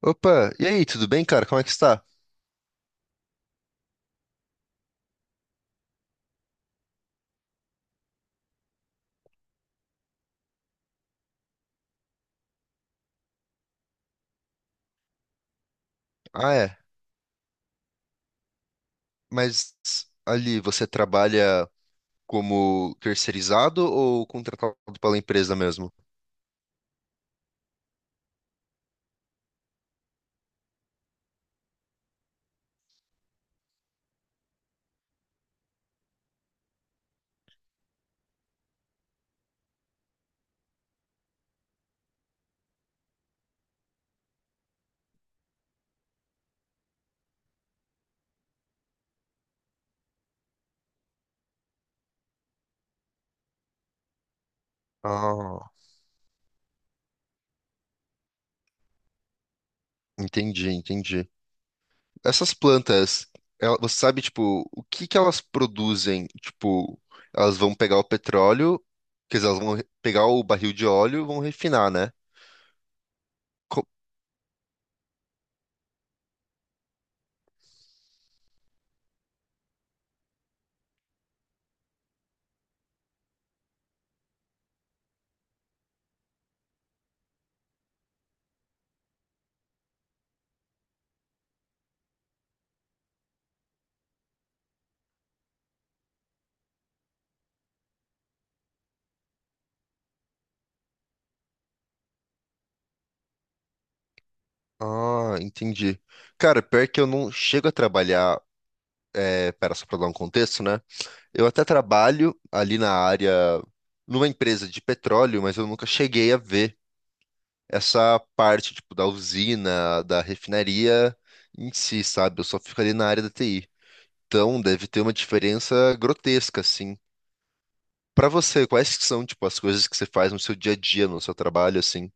Opa, e aí, tudo bem, cara? Como é que está? Ah, é. Mas ali você trabalha como terceirizado ou contratado pela empresa mesmo? Ah, entendi, entendi. Essas plantas, você sabe, tipo, o que que elas produzem? Tipo, elas vão pegar o petróleo, quer dizer, elas vão pegar o barril de óleo e vão refinar, né? Co- Ah, entendi. Cara, pior que eu não chego a trabalhar, pera, só pra dar um contexto, né? Eu até trabalho ali na área, numa empresa de petróleo, mas eu nunca cheguei a ver essa parte, tipo, da usina, da refinaria em si, sabe? Eu só fico ali na área da TI. Então, deve ter uma diferença grotesca, assim. Pra você, quais que são, tipo, as coisas que você faz no seu dia a dia, no seu trabalho, assim?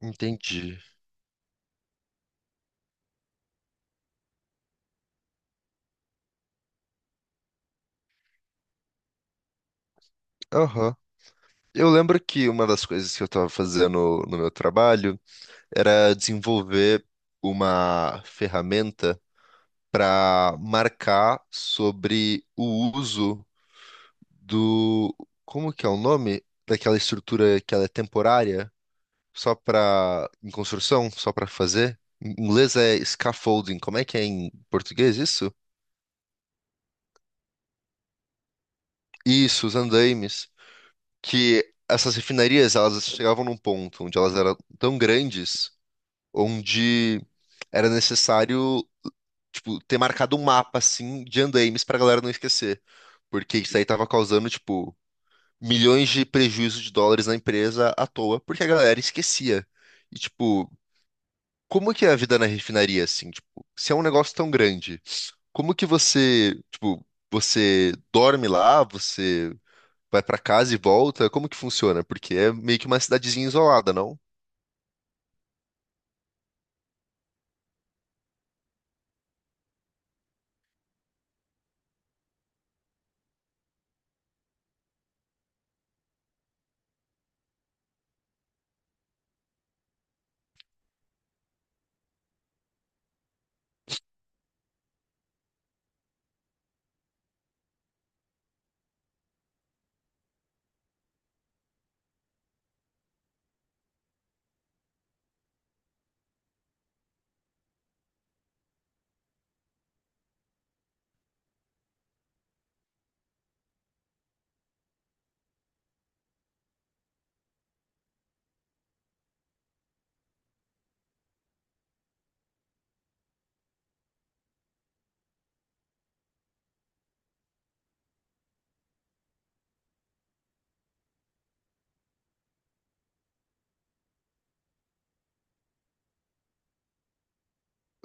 Entendi. Aham. Eu lembro que uma das coisas que eu estava fazendo no meu trabalho era desenvolver uma ferramenta para marcar sobre o uso do. Como que é o nome? Daquela estrutura que ela é temporária, só para em construção, só para fazer. Em inglês é scaffolding. Como é que é em português isso? Isso, os andaimes. Que essas refinarias, elas chegavam num ponto onde elas eram tão grandes, onde era necessário, tipo, ter marcado um mapa, assim, de andaimes pra galera não esquecer. Porque isso aí tava causando, tipo, milhões de prejuízo de dólares na empresa à toa, porque a galera esquecia. E, tipo, como que é a vida na refinaria, assim? Tipo, se é um negócio tão grande, como que você, tipo, você dorme lá, você vai pra casa e volta? Como que funciona? Porque é meio que uma cidadezinha isolada, não?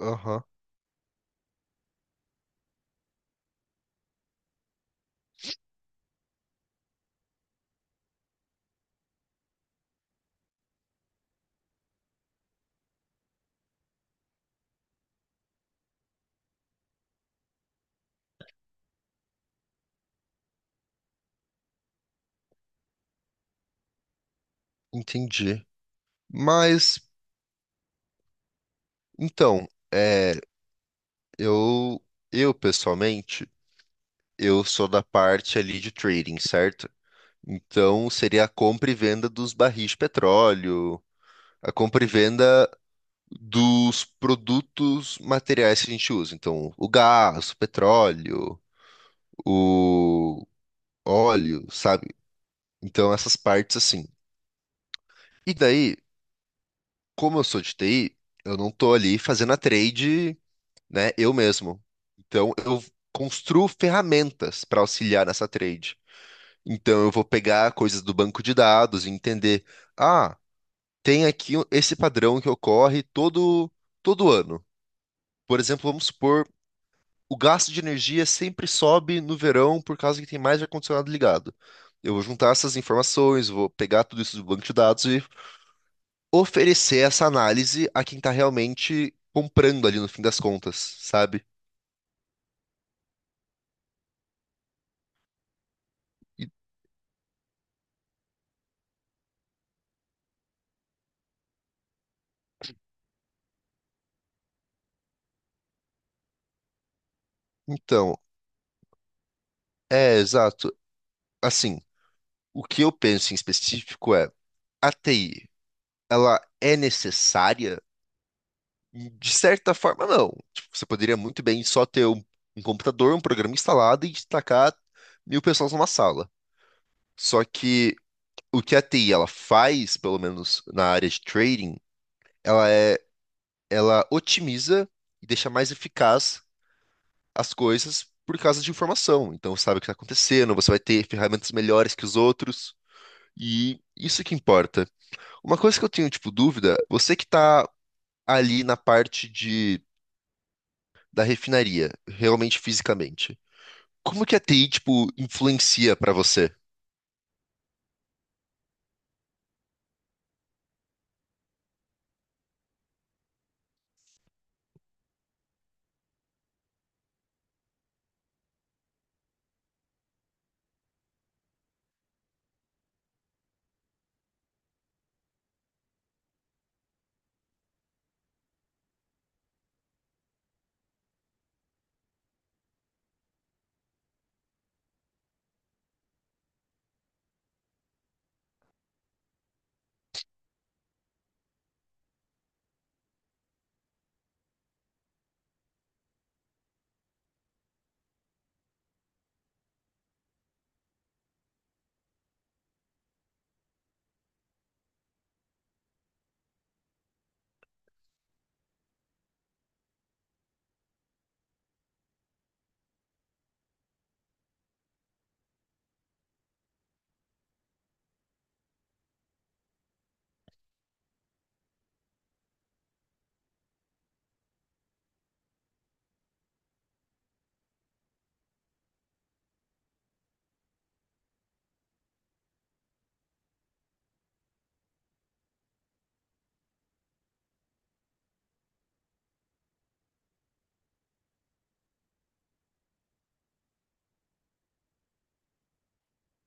Aham, entendi. Mas, então, é, eu, eu pessoalmente, eu sou da parte ali de trading, certo? Então, seria a compra e venda dos barris de petróleo, a compra e venda dos produtos materiais que a gente usa. Então, o gás, o petróleo, o óleo, sabe? Então, essas partes assim. E daí, como eu sou de TI, eu não tô ali fazendo a trade, né, eu mesmo. Então, eu construo ferramentas para auxiliar nessa trade. Então, eu vou pegar coisas do banco de dados e entender. Ah, tem aqui esse padrão que ocorre todo ano. Por exemplo, vamos supor, o gasto de energia sempre sobe no verão por causa que tem mais ar-condicionado ligado. Eu vou juntar essas informações, vou pegar tudo isso do banco de dados e oferecer essa análise a quem está realmente comprando ali no fim das contas, sabe? E- Então, é exato. Assim, o que eu penso em específico é a TI, ela é necessária? E, de certa forma, não. Tipo, você poderia muito bem só ter um computador, um programa instalado e destacar mil pessoas numa sala. Só que o que a TI ela faz, pelo menos na área de trading, ela é, ela otimiza e deixa mais eficaz as coisas por causa de informação. Então, você sabe o que está acontecendo, você vai ter ferramentas melhores que os outros. E isso que importa. Uma coisa que eu tenho, tipo, dúvida, você que está ali na parte de, da refinaria, realmente fisicamente. Como que a TI, tipo, influencia pra você?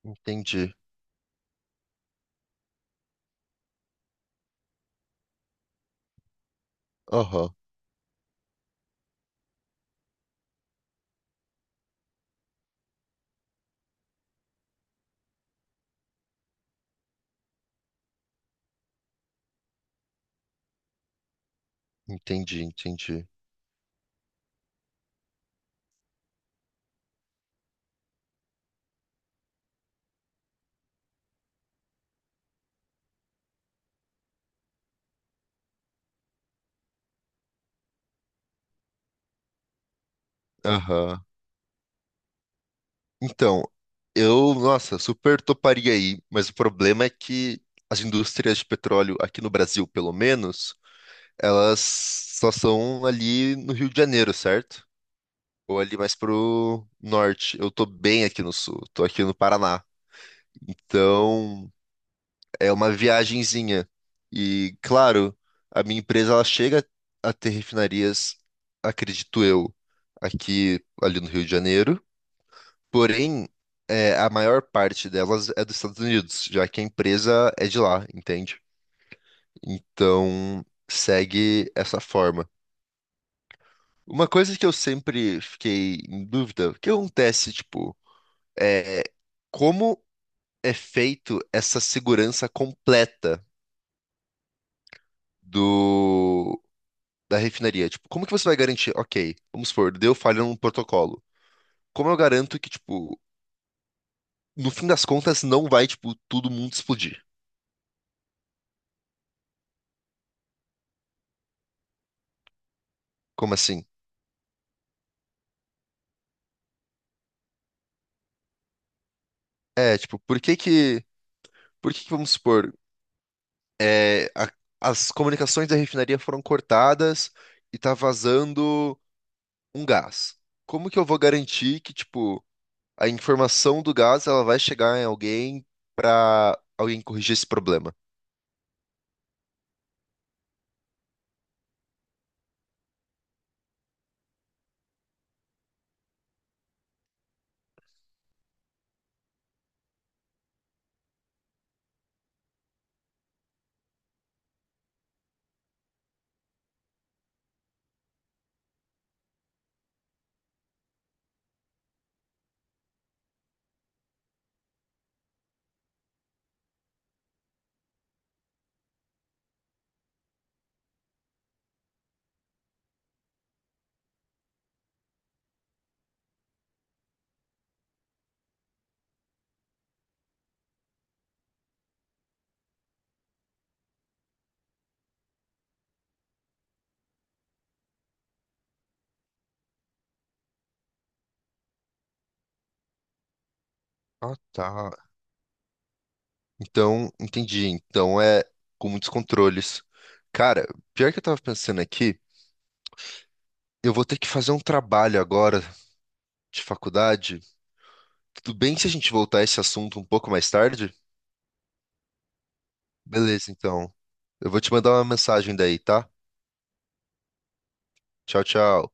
Entendi. Aham. Entendi, entendi. Aham. Então, eu, nossa, super toparia aí, mas o problema é que as indústrias de petróleo aqui no Brasil, pelo menos, elas só são ali no Rio de Janeiro, certo? Ou ali mais pro norte. Eu tô bem aqui no sul, tô aqui no Paraná. Então, é uma viagenzinha. E, claro, a minha empresa ela chega a ter refinarias, acredito eu, aqui ali no Rio de Janeiro. Porém, é, a maior parte delas é dos Estados Unidos, já que a empresa é de lá, entende? Então, segue essa forma. Uma coisa que eu sempre fiquei em dúvida, o que acontece, tipo, é como é feito essa segurança completa do da refinaria. Tipo, como que você vai garantir? Ok, vamos supor, deu falha num protocolo. Como eu garanto que, tipo, no fim das contas não vai, tipo, todo mundo explodir? Como assim? É, tipo, vamos supor, é, a- as comunicações da refinaria foram cortadas e tá vazando um gás? Como que eu vou garantir que, tipo, a informação do gás, ela vai chegar em alguém pra alguém corrigir esse problema? Ah, tá. Então, entendi. Então é com muitos controles. Cara, pior que eu tava pensando aqui, eu vou ter que fazer um trabalho agora de faculdade. Tudo bem se a gente voltar a esse assunto um pouco mais tarde? Beleza, então. Eu vou te mandar uma mensagem daí, tá? Tchau, tchau.